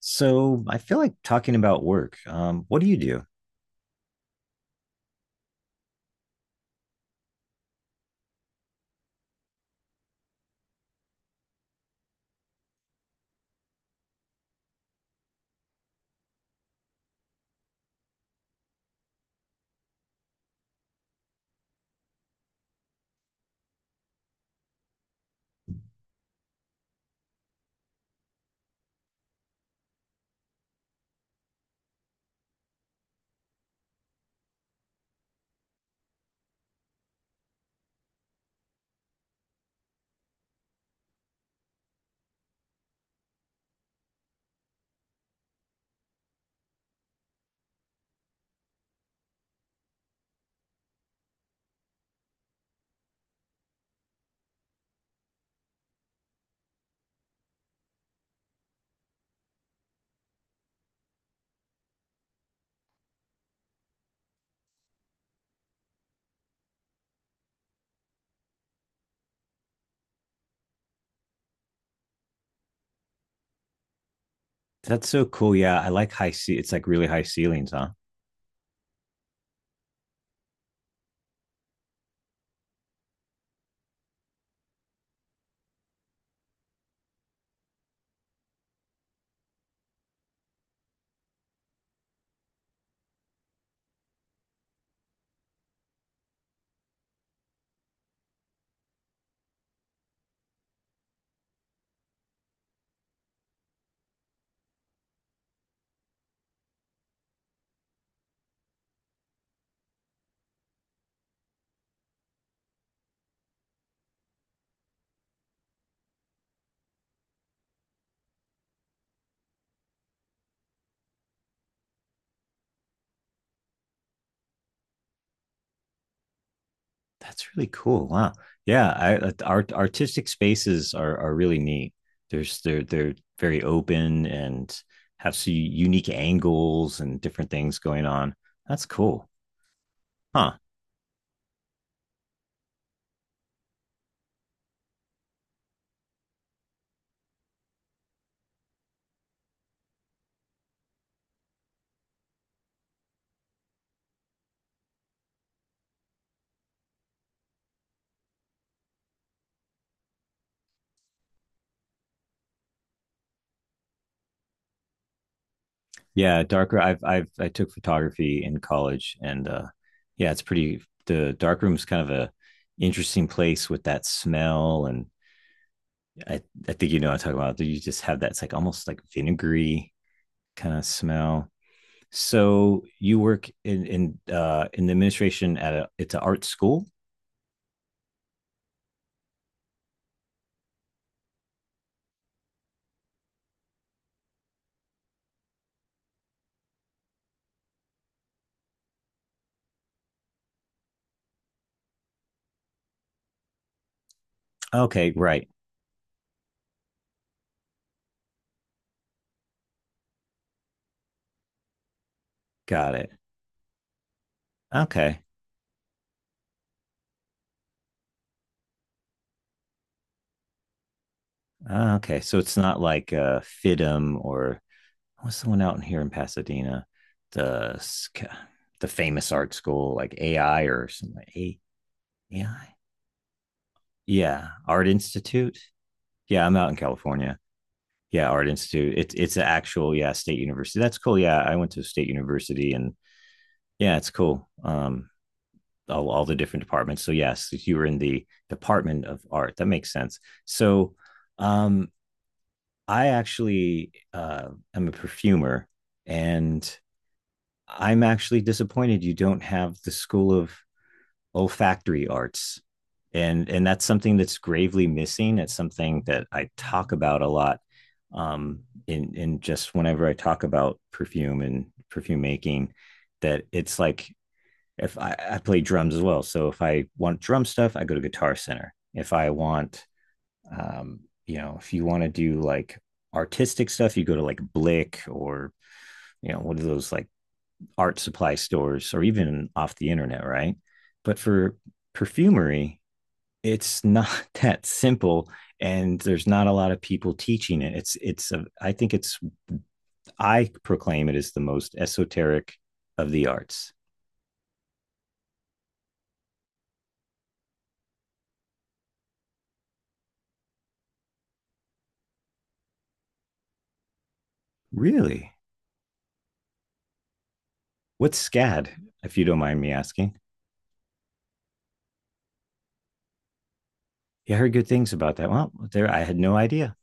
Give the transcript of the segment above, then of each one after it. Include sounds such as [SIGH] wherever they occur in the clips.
So I feel like talking about work. What do you do? That's so cool. Yeah, I like it's like really high ceilings, huh? That's really cool. Wow. Yeah, artistic spaces are really neat. There's they're very open and have some unique angles and different things going on. That's cool, huh? Yeah, darker. I took photography in college, and yeah, it's pretty. The dark room's kind of a interesting place with that smell and I, I think you know what I'm talking about. You just have that it's like almost like vinegary kind of smell. So you work in the administration at a it's an art school. Okay, right, got it. Okay, ah, okay. So it's not like FIDM or what's the one out in here in Pasadena, the the famous art school like AI or something. A AI, yeah, Art Institute. Yeah, I'm out in California. Yeah, Art Institute. It's an actual, yeah, state university. That's cool. Yeah, I went to a state university, and yeah, it's cool. All the different departments. So yes, if you were in the department of art, that makes sense. So, um I actually, am a perfumer, and I'm actually disappointed you don't have the school of olfactory arts. And that's something that's gravely missing. It's something that I talk about a lot, um in just whenever I talk about perfume and perfume making, that it's like if I play drums as well. So if I want drum stuff, I go to Guitar Center. If I want, um you know, if you want to do like artistic stuff, you go to like Blick or, you know, one of those like art supply stores or even off the internet, right? But for perfumery, it's not [LAUGHS] that simple, and there's not a lot of people teaching it. I think it's, I proclaim it as the most esoteric of the arts. Really? What's SCAD, if you don't mind me asking? You heard good things about that. Well, there, I had no idea.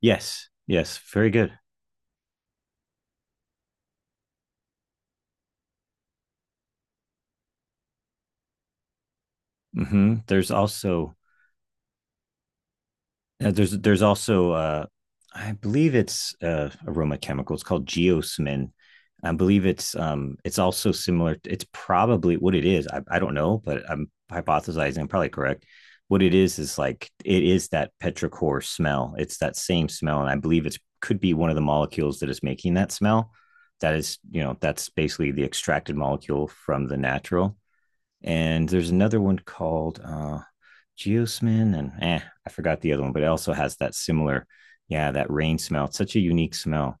Yes, yes, very good. Hmm, there's also, there's also I believe it's, aroma chemical. It's called geosmin. I believe it's, it's also similar. It's probably what it is. I don't know, but I'm hypothesizing. I'm probably correct. What it is like it is that petrichor smell. It's that same smell, and I believe it's could be one of the molecules that is making that smell. That is, you know, that's basically the extracted molecule from the natural. And there's another one called geosmin and I forgot the other one, but it also has that similar, yeah, that rain smell. It's such a unique smell.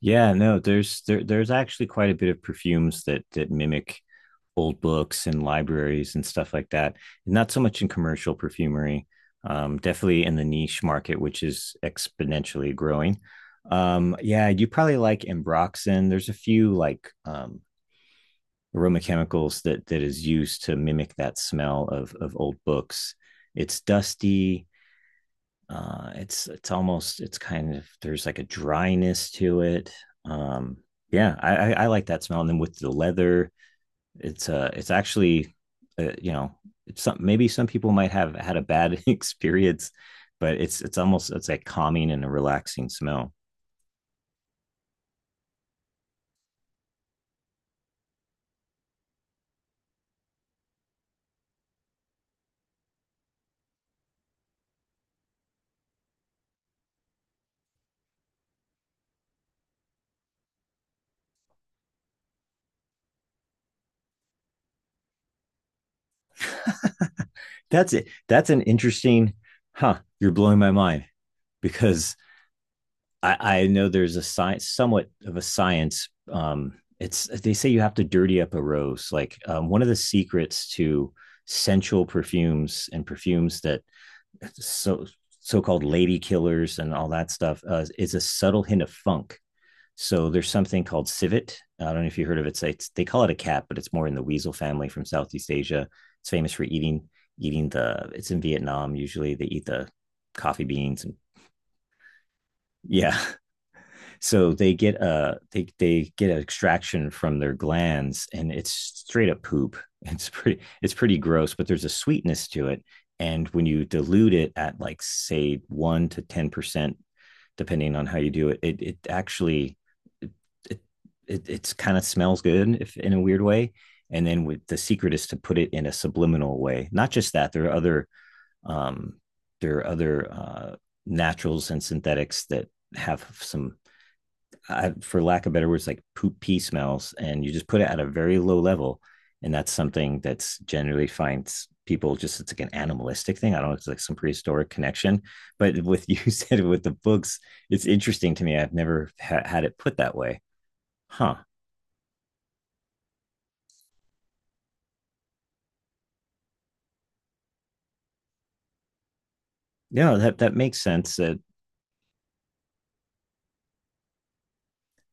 Yeah, no, there's actually quite a bit of perfumes that that mimic old books and libraries and stuff like that. Not so much in commercial perfumery, definitely in the niche market, which is exponentially growing. Yeah, you probably like Embroxen. There's a few like, aroma chemicals that that is used to mimic that smell of old books. It's dusty, it's almost, it's kind of, there's like a dryness to it, um yeah, I like that smell. And then with the leather, it's, it's actually, you know, it's some, maybe some people might have had a bad [LAUGHS] experience, but it's almost, it's like calming and a relaxing smell. That's it, that's an interesting, huh? You're blowing my mind because I know there's a science, somewhat of a science. It's, they say you have to dirty up a rose. Like, one of the secrets to sensual perfumes and perfumes that, so so-called lady killers and all that stuff, is a subtle hint of funk. So there's something called civet. I don't know if you heard of it. They call it a cat, but it's more in the weasel family from Southeast Asia. It's famous for eating, eating the. It's in Vietnam usually. They eat the coffee beans, and yeah. [LAUGHS] So they get a, they get an extraction from their glands, and it's straight up poop. [LAUGHS] It's pretty, it's pretty gross, but there's a sweetness to it. And when you dilute it at like say 1 to 10%, depending on how you do it, it actually it it, it it's kind of smells good if in a weird way. And then with the secret is to put it in a subliminal way. Not just that, there are other, um, there are other, naturals and synthetics that have some, for lack of better words, like poop pee smells, and you just put it at a very low level, and that's something that's generally finds people just it's like an animalistic thing. I don't know, it's like some prehistoric connection. But [LAUGHS] with, you said with the books, it's interesting to me. I've never had it put that way, huh? Yeah, that that makes sense. That,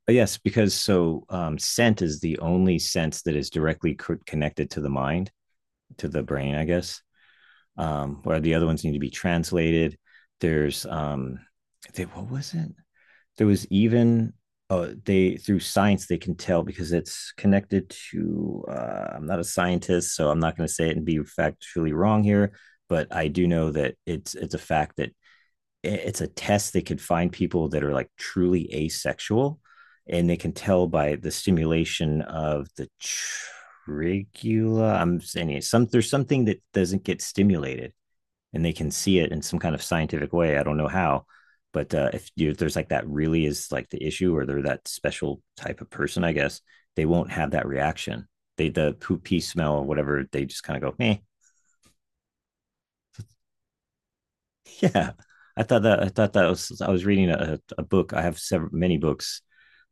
yes, because so, scent is the only sense that is directly connected to the mind, to the brain, I guess. Where the other ones need to be translated. There's, they, what was it? There was even, oh, they through science they can tell because it's connected to. I'm not a scientist, so I'm not going to say it and be factually wrong here, but I do know that it's a fact that it's a test they could find people that are like truly asexual, and they can tell by the stimulation of the trigula. I'm saying some, there's something that doesn't get stimulated, and they can see it in some kind of scientific way. I don't know how, but if you, there's like that really is like the issue, or they're that special type of person, I guess they won't have that reaction. They the poop pee smell or whatever, they just kind of go, eh. [LAUGHS] Yeah. I thought that, I thought that was, I was reading a book. I have several many books,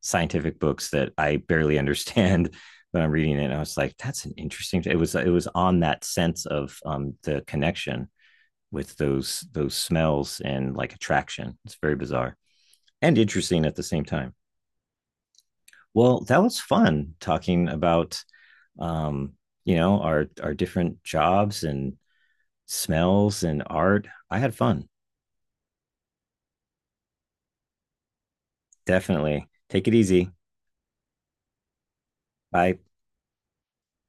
scientific books that I barely [LAUGHS] understand when I'm reading it. And I was like, that's an interesting. It was, it was on that sense of, the connection with those smells and like attraction. It's very bizarre and interesting at the same time. Well, that was fun talking about, um, you know, our different jobs and smells and art. I had fun. Definitely. Take it easy. Bye.